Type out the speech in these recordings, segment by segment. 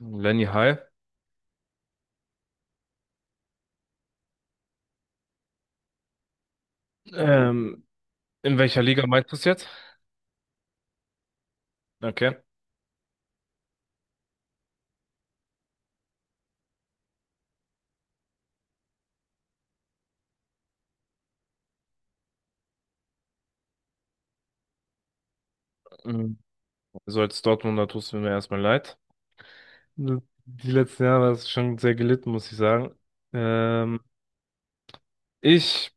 Lenny, hi. Ähm, in welcher Liga meinst du es jetzt? Okay. Mhm. Also als Dortmunder tust du mir erstmal leid. Die letzten Jahre hast du schon sehr gelitten, muss ich sagen. Ähm, Ich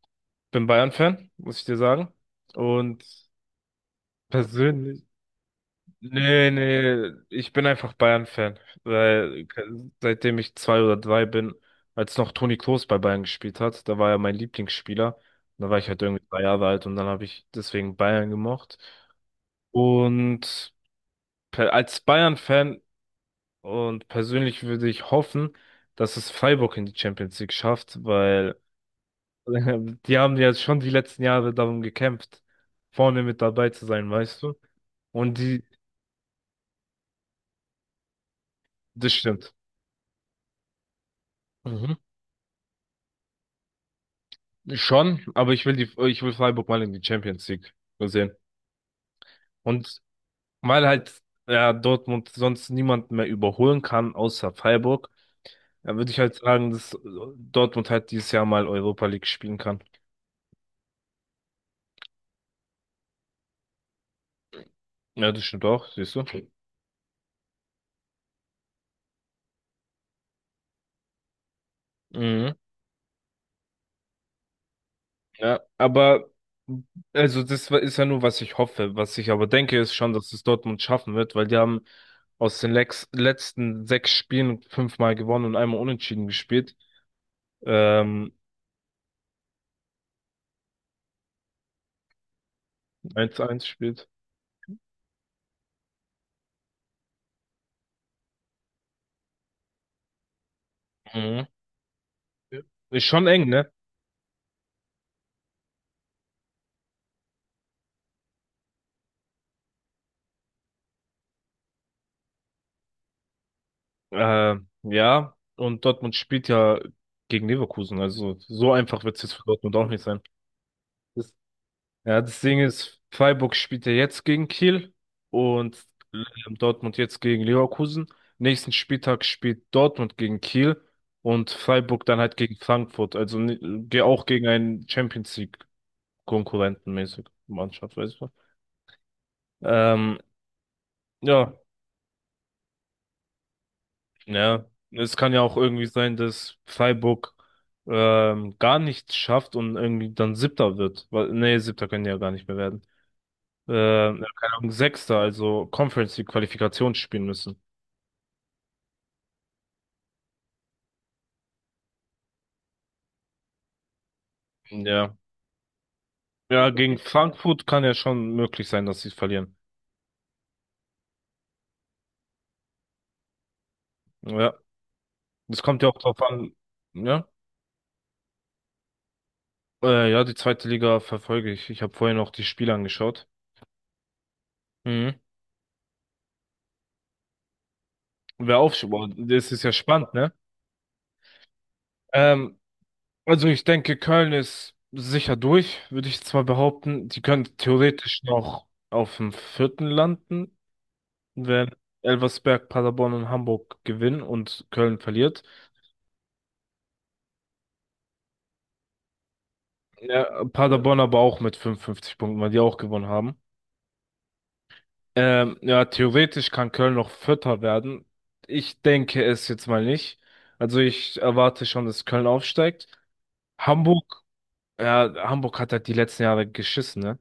bin Bayern-Fan, muss ich dir sagen. Und persönlich, nee, nee, ich bin einfach Bayern-Fan, weil seitdem ich 2 oder 3 bin, als noch Toni Kroos bei Bayern gespielt hat, da war er mein Lieblingsspieler. Da war ich halt irgendwie 3 Jahre alt und dann habe ich deswegen Bayern gemocht. Und als Bayern-Fan und persönlich würde ich hoffen, dass es Freiburg in die Champions League schafft, weil die haben ja schon die letzten Jahre darum gekämpft, vorne mit dabei zu sein, weißt du? Und die, Das stimmt. Mhm. Schon, aber ich will Freiburg mal in die Champions League sehen. Und weil halt, ja, Dortmund sonst niemand mehr überholen kann, außer Freiburg, dann würde ich halt sagen, dass Dortmund halt dieses Jahr mal Europa League spielen kann. Ja, das stimmt auch, siehst du. Mhm. Ja, aber also ist ja nur, was ich hoffe. Was ich aber denke, ist schon, dass es Dortmund schaffen wird, weil die haben aus den lex letzten sechs Spielen fünfmal gewonnen und einmal unentschieden gespielt. Ähm, 1-1 spielt. Mhm. Ja. Ist schon eng, ne? Äh, ja, und Dortmund spielt ja gegen Leverkusen. Also so einfach wird es jetzt für Dortmund auch nicht sein. Das Ja, das Ding ist, Freiburg spielt ja jetzt gegen Kiel und Dortmund jetzt gegen Leverkusen. Nächsten Spieltag spielt Dortmund gegen Kiel und Freiburg dann halt gegen Frankfurt. Also auch gegen einen Champions League-Konkurrenten mäßig Mannschaft, weißt du. Ähm, ja, ja. Es kann ja auch irgendwie sein, dass Freiburg gar nichts schafft und irgendwie dann Siebter wird. Nee, Siebter können die ja gar nicht mehr werden. Keine Ahnung, Sechster, also Conference League Qualifikation spielen müssen. Ja. Ja, gegen Frankfurt kann ja schon möglich sein, dass sie verlieren. Ja. Das kommt ja auch drauf an. Ja. Ja, die zweite Liga verfolge ich. Ich habe vorhin auch die Spiele angeschaut. Mhm. Wer aufschaut, boah, das ist ja spannend, ne? Ähm, also ich denke, Köln ist sicher durch, würde ich zwar behaupten. Die können theoretisch noch auf dem vierten landen, wenn Elversberg, Paderborn und Hamburg gewinnen und Köln verliert. Ja, Paderborn aber auch mit 55 Punkten, weil die auch gewonnen haben. Ja, theoretisch kann Köln noch Vierter werden. Ich denke es jetzt mal nicht. Also ich erwarte schon, dass Köln aufsteigt. Hamburg, ja, Hamburg hat halt die letzten Jahre geschissen, ne?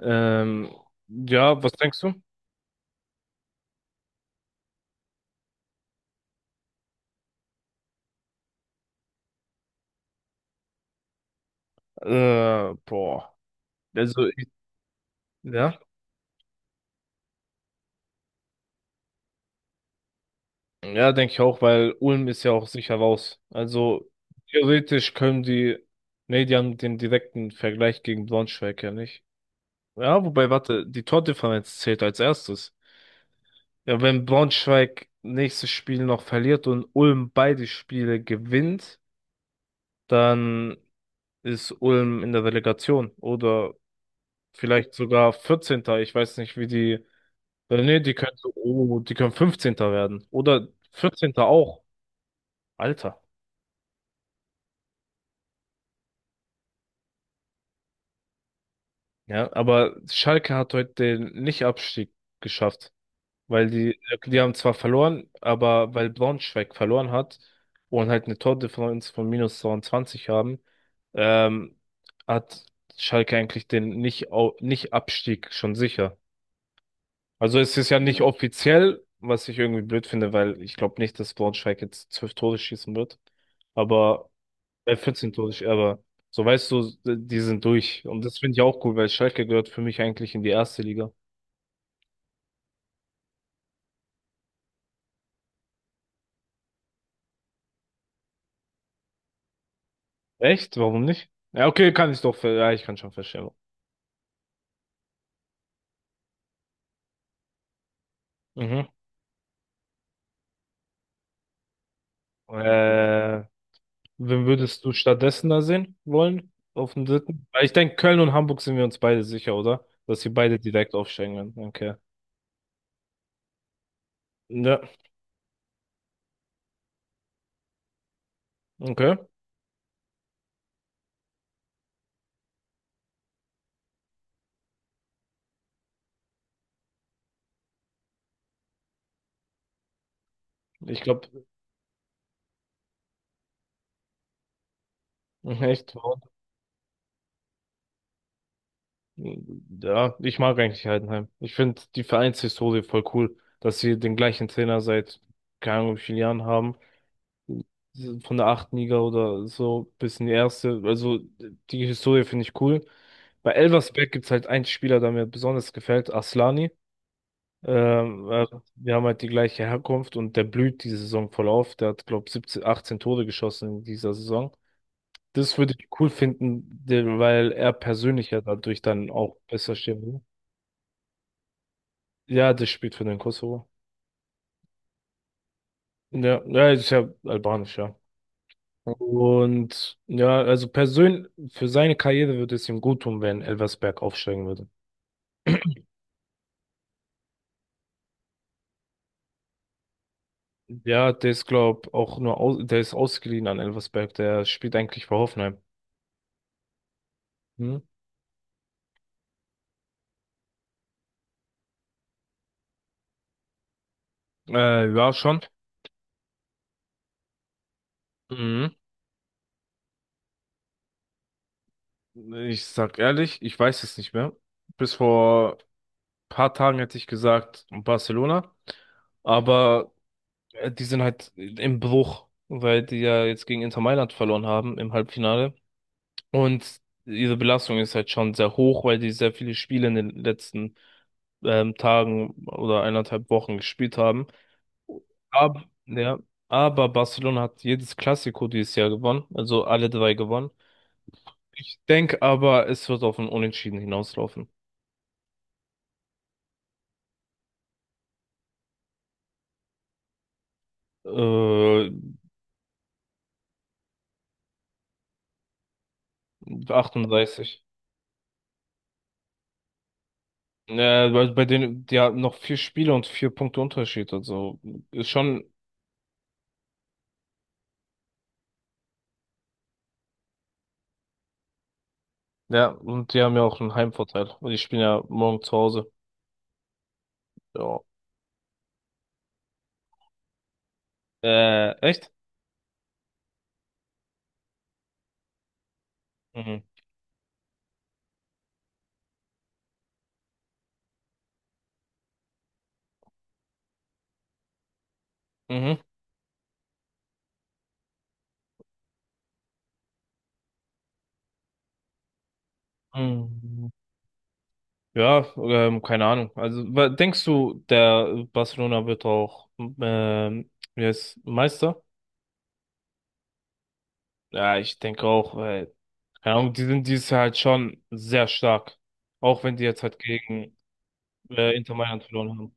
Ähm, ja, was denkst du? Boah. Also, ich, ja. Ja, denke ich auch, weil Ulm ist ja auch sicher raus. Also theoretisch können nee, die haben den direkten Vergleich gegen Braunschweig ja nicht. Ja, wobei, warte, die Tordifferenz zählt als erstes. Ja, wenn Braunschweig nächstes Spiel noch verliert und Ulm beide Spiele gewinnt, dann ist Ulm in der Relegation oder vielleicht sogar 14. Ich weiß nicht, wie die. Nee, die können 15. werden. Oder 14. auch. Alter. Ja, aber Schalke hat heute den Nicht-Abstieg geschafft. Weil die haben zwar verloren, aber weil Braunschweig verloren hat und halt eine Tordifferenz von minus 22 haben, ähm, hat Schalke eigentlich den nicht Abstieg schon sicher. Also es ist ja nicht offiziell, was ich irgendwie blöd finde, weil ich glaube nicht, dass Braunschweig jetzt 12 Tore schießen wird. Aber 14 Tore, aber so weißt du, die sind durch. Und das finde ich auch cool, weil Schalke gehört für mich eigentlich in die erste Liga. Echt? Warum nicht? Ja, okay, kann ich doch, ja, ich kann schon verstehen. Mhm. Äh, Wen würdest du stattdessen da sehen wollen? Auf dem dritten? Weil ich denke, Köln und Hamburg sind wir uns beide sicher, oder? Dass wir beide direkt aufsteigen werden. Okay. Ja, okay. Ich glaube, echt. Warum? Ja, ich mag eigentlich Heidenheim. Ich finde die Vereinshistorie voll cool, dass sie den gleichen Trainer seit keine Ahnung wie vielen Jahren haben. Von der achten Liga oder so bis in die erste. Also die Historie finde ich cool. Bei Elversberg gibt es halt einen Spieler, der mir besonders gefällt, Aslani. Ähm, äh, Wir haben halt die gleiche Herkunft und der blüht diese Saison voll auf. Der hat, glaube ich, 17, 18 Tore geschossen in dieser Saison. Das würde ich cool finden, weil er persönlich ja dadurch dann auch besser stehen würde. Ja, das spielt für den Kosovo. Ja, ja, ist ja albanisch, ja. Und ja, also persönlich, für seine Karriere würde es ihm gut tun, wenn Elversberg aufsteigen würde. Ja, der ist, glaub, auch nur, der ist ausgeliehen an Elversberg, der spielt eigentlich für Hoffenheim. Hm? Ja, schon. Mhm. Ich sag ehrlich, ich weiß es nicht mehr. Bis vor paar Tagen hätte ich gesagt Barcelona, aber die sind halt im Bruch, weil die ja jetzt gegen Inter Mailand verloren haben im Halbfinale. Und diese Belastung ist halt schon sehr hoch, weil die sehr viele Spiele in den letzten Tagen oder eineinhalb Wochen gespielt haben. Aber, ja, aber Barcelona hat jedes Clasico dieses Jahr gewonnen, also alle drei gewonnen. Ich denke aber, es wird auf ein Unentschieden hinauslaufen. Äh, 38. Ja, weil bei denen, die haben noch vier Spiele und vier Punkte Unterschied, also ist schon, ja, und die haben ja auch einen Heimvorteil. Und die spielen ja morgen zu Hause. Ja. Echt? Mhm. Mhm. Mhm. Ja, keine Ahnung. Also, denkst du, der Barcelona wird auch ähm, wie heißt, Meister? Ja, ich denke auch, weil, keine Ahnung, die sind dieses Jahr halt schon sehr stark. Auch wenn die jetzt halt gegen Inter Mailand verloren haben.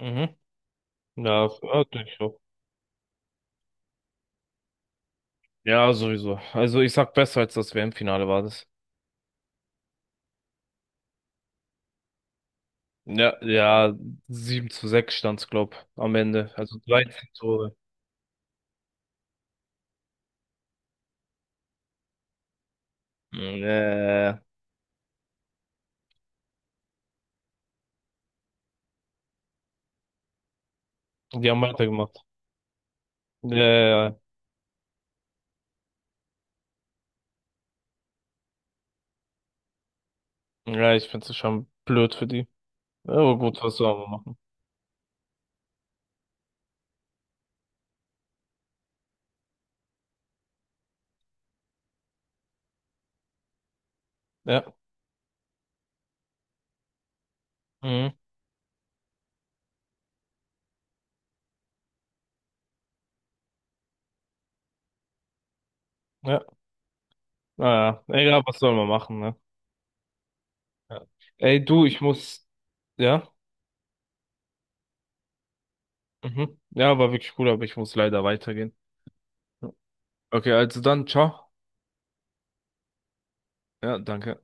Mhm. Ja, ja, denke ich auch. Ja, sowieso. Also ich sag besser als das WM-Finale war das. Ja, ja, sieben zu 6 stand's, glaub, am Ende. Also 13 Tore. Mm, ja, ja, ja. Die haben weitergemacht. Ja, ja, ja. Ja, ich finde es schon blöd für die. Ja, aber gut, was soll man machen? Ja. Mhm. Ja. Naja, egal, was soll man machen, ne? Ja. Ey, du, ich muss. Ja? Mhm. Ja, war wirklich cool, aber ich muss leider weitergehen. Ja. Okay, also dann, ciao. Ja, danke.